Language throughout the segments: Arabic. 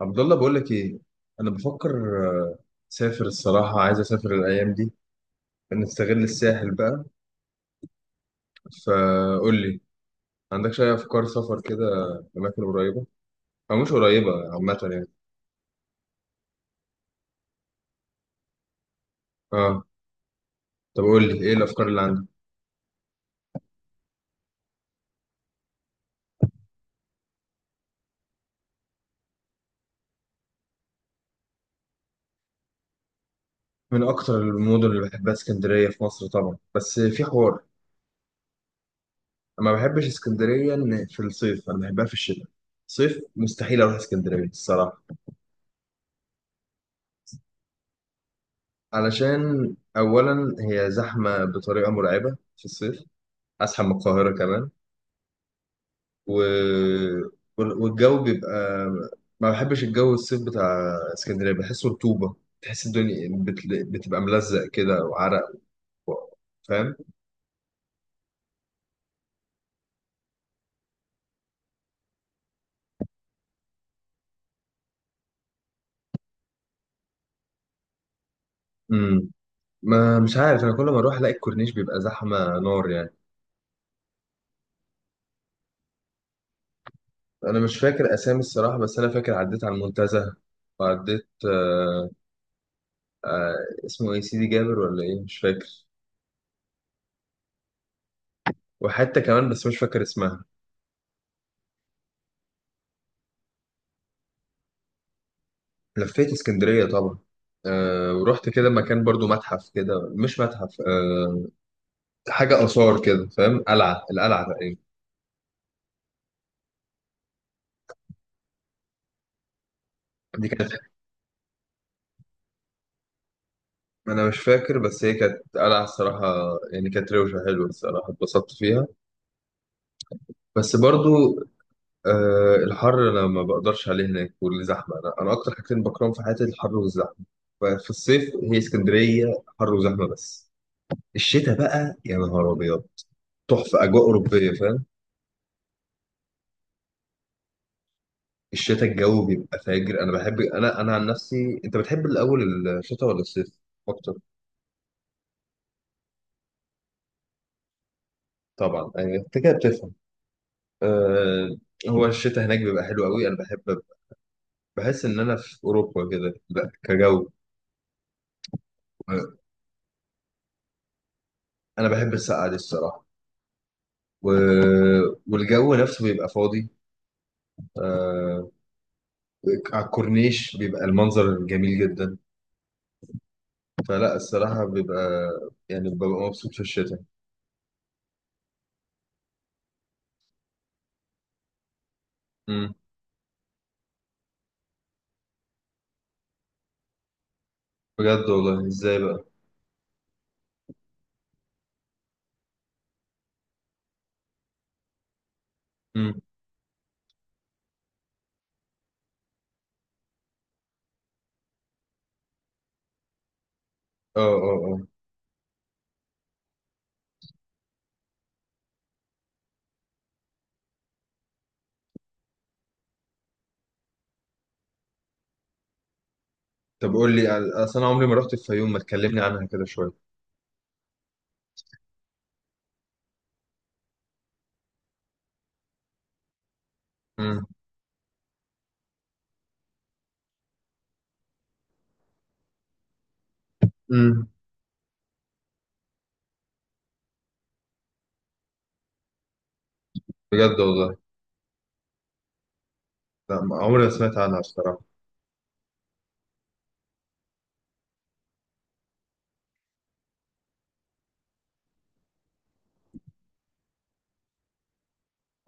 عبد الله، بقول لك ايه. انا بفكر. آه، اسافر الصراحه، عايز اسافر الايام دي، نستغل الساحل بقى. فقول لي، عندكش اي افكار سفر كده؟ اماكن قريبه او مش قريبه عامه يعني. اه، طب قول لي ايه الافكار اللي عندك؟ من اكتر المدن اللي بحبها اسكندريه في مصر طبعا، بس في حوار. انا ما بحبش اسكندريه، إن في الصيف انا بحبها في الشتاء. صيف مستحيل اروح اسكندريه الصراحه. علشان اولا هي زحمه بطريقه مرعبه في الصيف، ازحم من القاهره كمان. و... والجو بيبقى، ما بحبش الجو الصيف بتاع اسكندرية، بحسه رطوبة. تحس الدنيا بتبقى ملزق كده وعرق و... فاهم. امم، ما مش عارف، انا كل ما اروح الاقي الكورنيش بيبقى زحمة نار يعني. انا مش فاكر اسامي الصراحة، بس انا فاكر عديت على المنتزه، وعديت آه... اسمه ايه سيدي جابر ولا ايه مش فاكر. وحتى كمان بس مش فاكر اسمها. لفيت اسكندرية طبعا. ورحت كده مكان برضو متحف كده مش متحف، حاجة آثار كده فاهم، قلعة، القلعة تقريبا. دي كانت، ما أنا مش فاكر، بس هي كانت قلعة الصراحة. يعني كانت روشة حلوة الصراحة، اتبسطت فيها. بس برضو آه، الحر أنا ما بقدرش عليه هناك والزحمة. أنا أكتر حاجتين بكرههم في حياتي الحر والزحمة. ففي الصيف هي اسكندرية حر وزحمة بس. الشتاء بقى يا نهار أبيض، تحفة، أجواء أوروبية فاهم. الشتاء الجو بيبقى فاجر، أنا بحب، أنا عن نفسي أنت بتحب الأول الشتاء ولا الصيف أكتر؟ طبعا أيوة، أنت كده بتفهم. آه، هو الشتاء هناك بيبقى حلو قوي، انا بحب. بحس ان انا في اوروبا كده، كجو. آه، انا بحب السقعه دي الصراحه و... والجو نفسه بيبقى فاضي. آه، على الكورنيش بيبقى المنظر جميل جدا، فلا الصراحه بيبقى، يعني ببقى مبسوط في الشتاء. امم. بجد والله، ازاي بقى؟ امم. اه، اه، اه. طب قول لي اصل انا عمري ما رحت الفيوم، ما تكلمني عنها كده شويه. امم، امم. بجد والله. لا ما- عمري ما سمعت عنها الصراحه.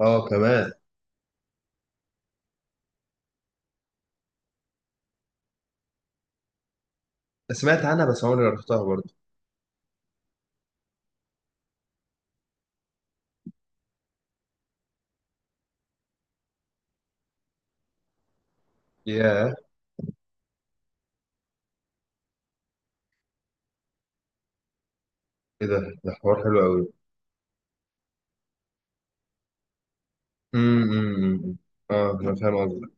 اه كمان. سمعت عنها بس عمري ما رحتها برضه. ياه. ايه ده، ده حوار حلو قوي. امم، اه، انا فاهم قصدك.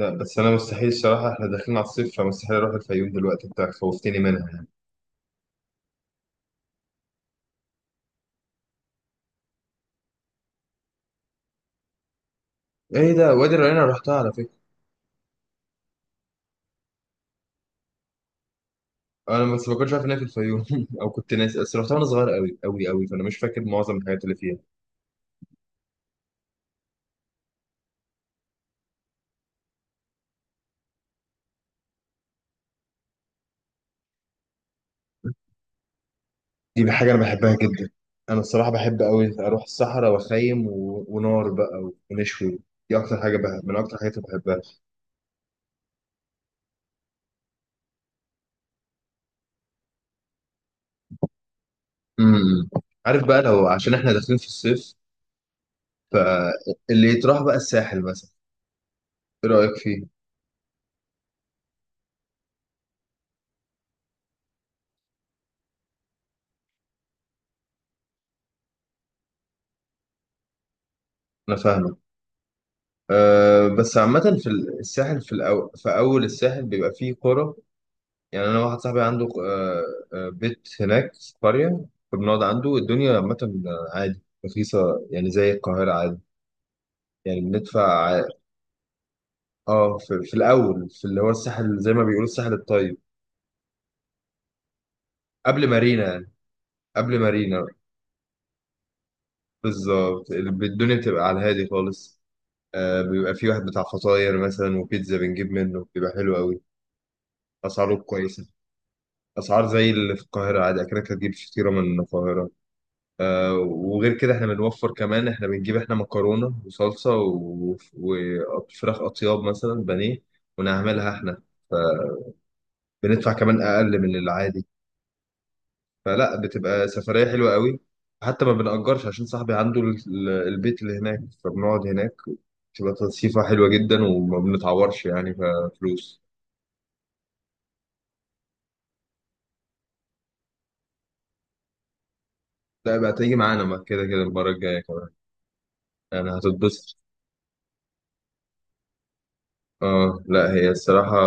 لا بس انا مستحيل الصراحه، احنا داخلين على الصيف، فمستحيل اروح الفيوم دلوقتي، انت خوفتني منها يعني. ايه ده، وادي الريان أنا رحتها على فكره. انا بس ما كنتش عارف ان هي في الفيوم او كنت ناسي، بس رحتها وانا صغير قوي قوي قوي، فانا مش فاكر معظم الحاجات اللي فيها. دي حاجه انا بحبها جدا. انا الصراحه بحب قوي اروح الصحراء واخيم ونار بقى ونشوي. دي اكتر حاجه بحب، من اكتر الحاجات اللي بحبها. امم، عارف بقى، لو عشان احنا داخلين في الصيف، فاللي يتراح بقى الساحل مثلا. ايه رأيك فيه؟ انا فاهمه. أه بس عامة في الساحل، في أول الساحل بيبقى فيه قرى. يعني أنا واحد صاحبي عنده أه، آه، بيت هناك في قرية، فبنقعد عنده. الدنيا عامة عادي، رخيصة، يعني زي القاهرة عادي. يعني بندفع اه، في الأول، في اللي هو الساحل زي ما بيقولوا، الساحل الطيب، قبل مارينا يعني. قبل مارينا بالظبط. الدنيا بتبقى على الهادي خالص. آه، بيبقى في واحد بتاع فطاير مثلا وبيتزا بنجيب منه بيبقى حلو قوي. اسعاره كويسه، اسعار زي اللي في القاهره عادي، اكنك هتجيب فطيره من القاهره. آه، وغير كده احنا بنوفر كمان، احنا بنجيب احنا مكرونه وصلصه وفراخ اطياب مثلا بانيه ونعملها احنا. بندفع كمان اقل من العادي. فلا، بتبقى سفريه حلوه قوي. حتى ما بنأجرش عشان صاحبي عنده البيت اللي هناك، فبنقعد هناك. بتبقى تصيفة حلوة جدا، وما بنتعورش يعني كفلوس. لا بقى تيجي معانا، ما كده كده المرة الجاية كمان، يعني هتتبسط. اه لا، هي الصراحة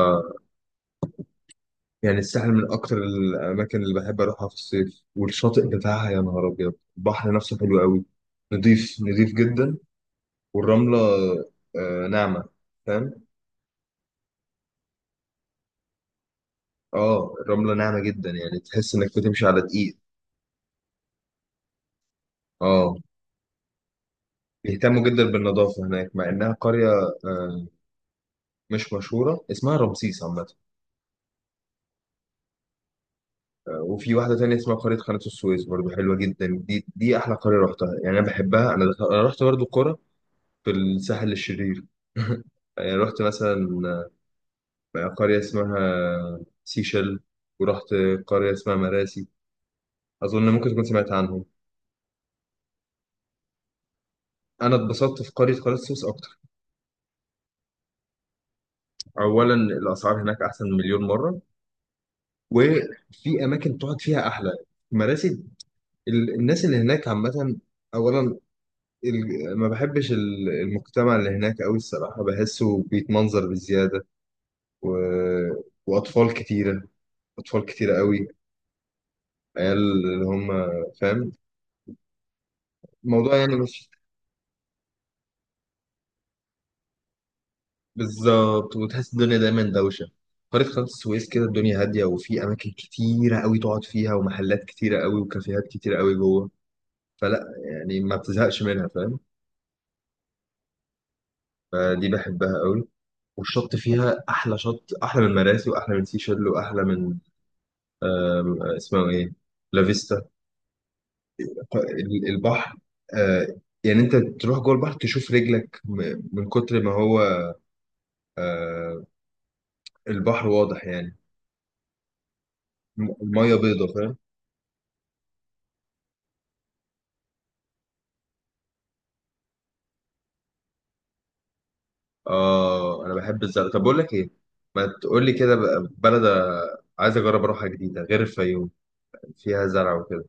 يعني الساحل من أكتر الأماكن اللي بحب أروحها في الصيف. والشاطئ بتاعها يا نهار أبيض، البحر نفسه حلو قوي، نضيف نضيف جدا. والرملة آه ناعمة فاهم. اه الرملة ناعمة جدا، يعني تحس إنك بتمشي على دقيق. اه. بيهتموا جدا بالنظافة هناك، مع إنها قرية آه مش مشهورة، اسمها رمسيس عامة. وفي واحدة تانية اسمها قرية قناة السويس برضو حلوة جدا، دي أحلى قرية رحتها يعني، أنا بحبها. أنا أنا رحت برضو قرى في الساحل الشرير يعني رحت مثلا قرية اسمها سيشل، ورحت قرية اسمها مراسي، أظن ممكن تكون سمعت عنهم. أنا اتبسطت في قرية قناة السويس أكتر. أولا الأسعار هناك أحسن مليون مرة، وفي أماكن تقعد فيها أحلى. مراسي، الناس اللي هناك عامة. أولا، ما بحبش المجتمع اللي هناك قوي الصراحة، بحسه بيتمنظر بزيادة و... وأطفال كتيرة، أطفال كتيرة قوي، عيال اللي هم فاهم، الموضوع يعني مش بالظبط. وتحس الدنيا دايما دوشة. قرية قناة السويس كده الدنيا هادية، وفي أماكن كتيرة قوي تقعد فيها، ومحلات كتيرة قوي، وكافيهات كتيرة قوي جوه. فلا يعني ما بتزهقش منها فاهم. فدي بحبها قوي. والشط فيها أحلى شط، أحلى من مراسي، وأحلى من سيشل، وأحلى من اسمه ايه، لافيستا. البحر آه، يعني انت تروح جوه البحر تشوف رجلك من كتر ما هو آه، البحر واضح يعني. المية بيضة فاهم. اه انا بحب الزرع. طب بقول لك ايه، ما تقول لي كده بقى بلد عايز اجرب اروحها جديدة غير الفيوم، فيها زرع وكده.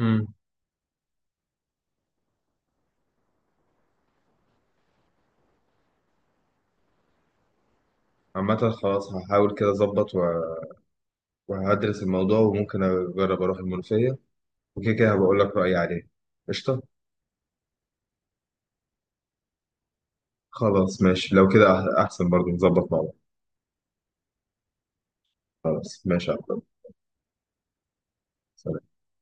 امم. عامة خلاص، هحاول كده اظبط وهدرس الموضوع، وممكن اجرب اروح المنوفية، وكده كده هبقول لك رأيي عليه. قشطة. خلاص ماشي لو كده، أحسن برضو نظبط مع بعض. خلاص ماشي يا عبد الله. سلام.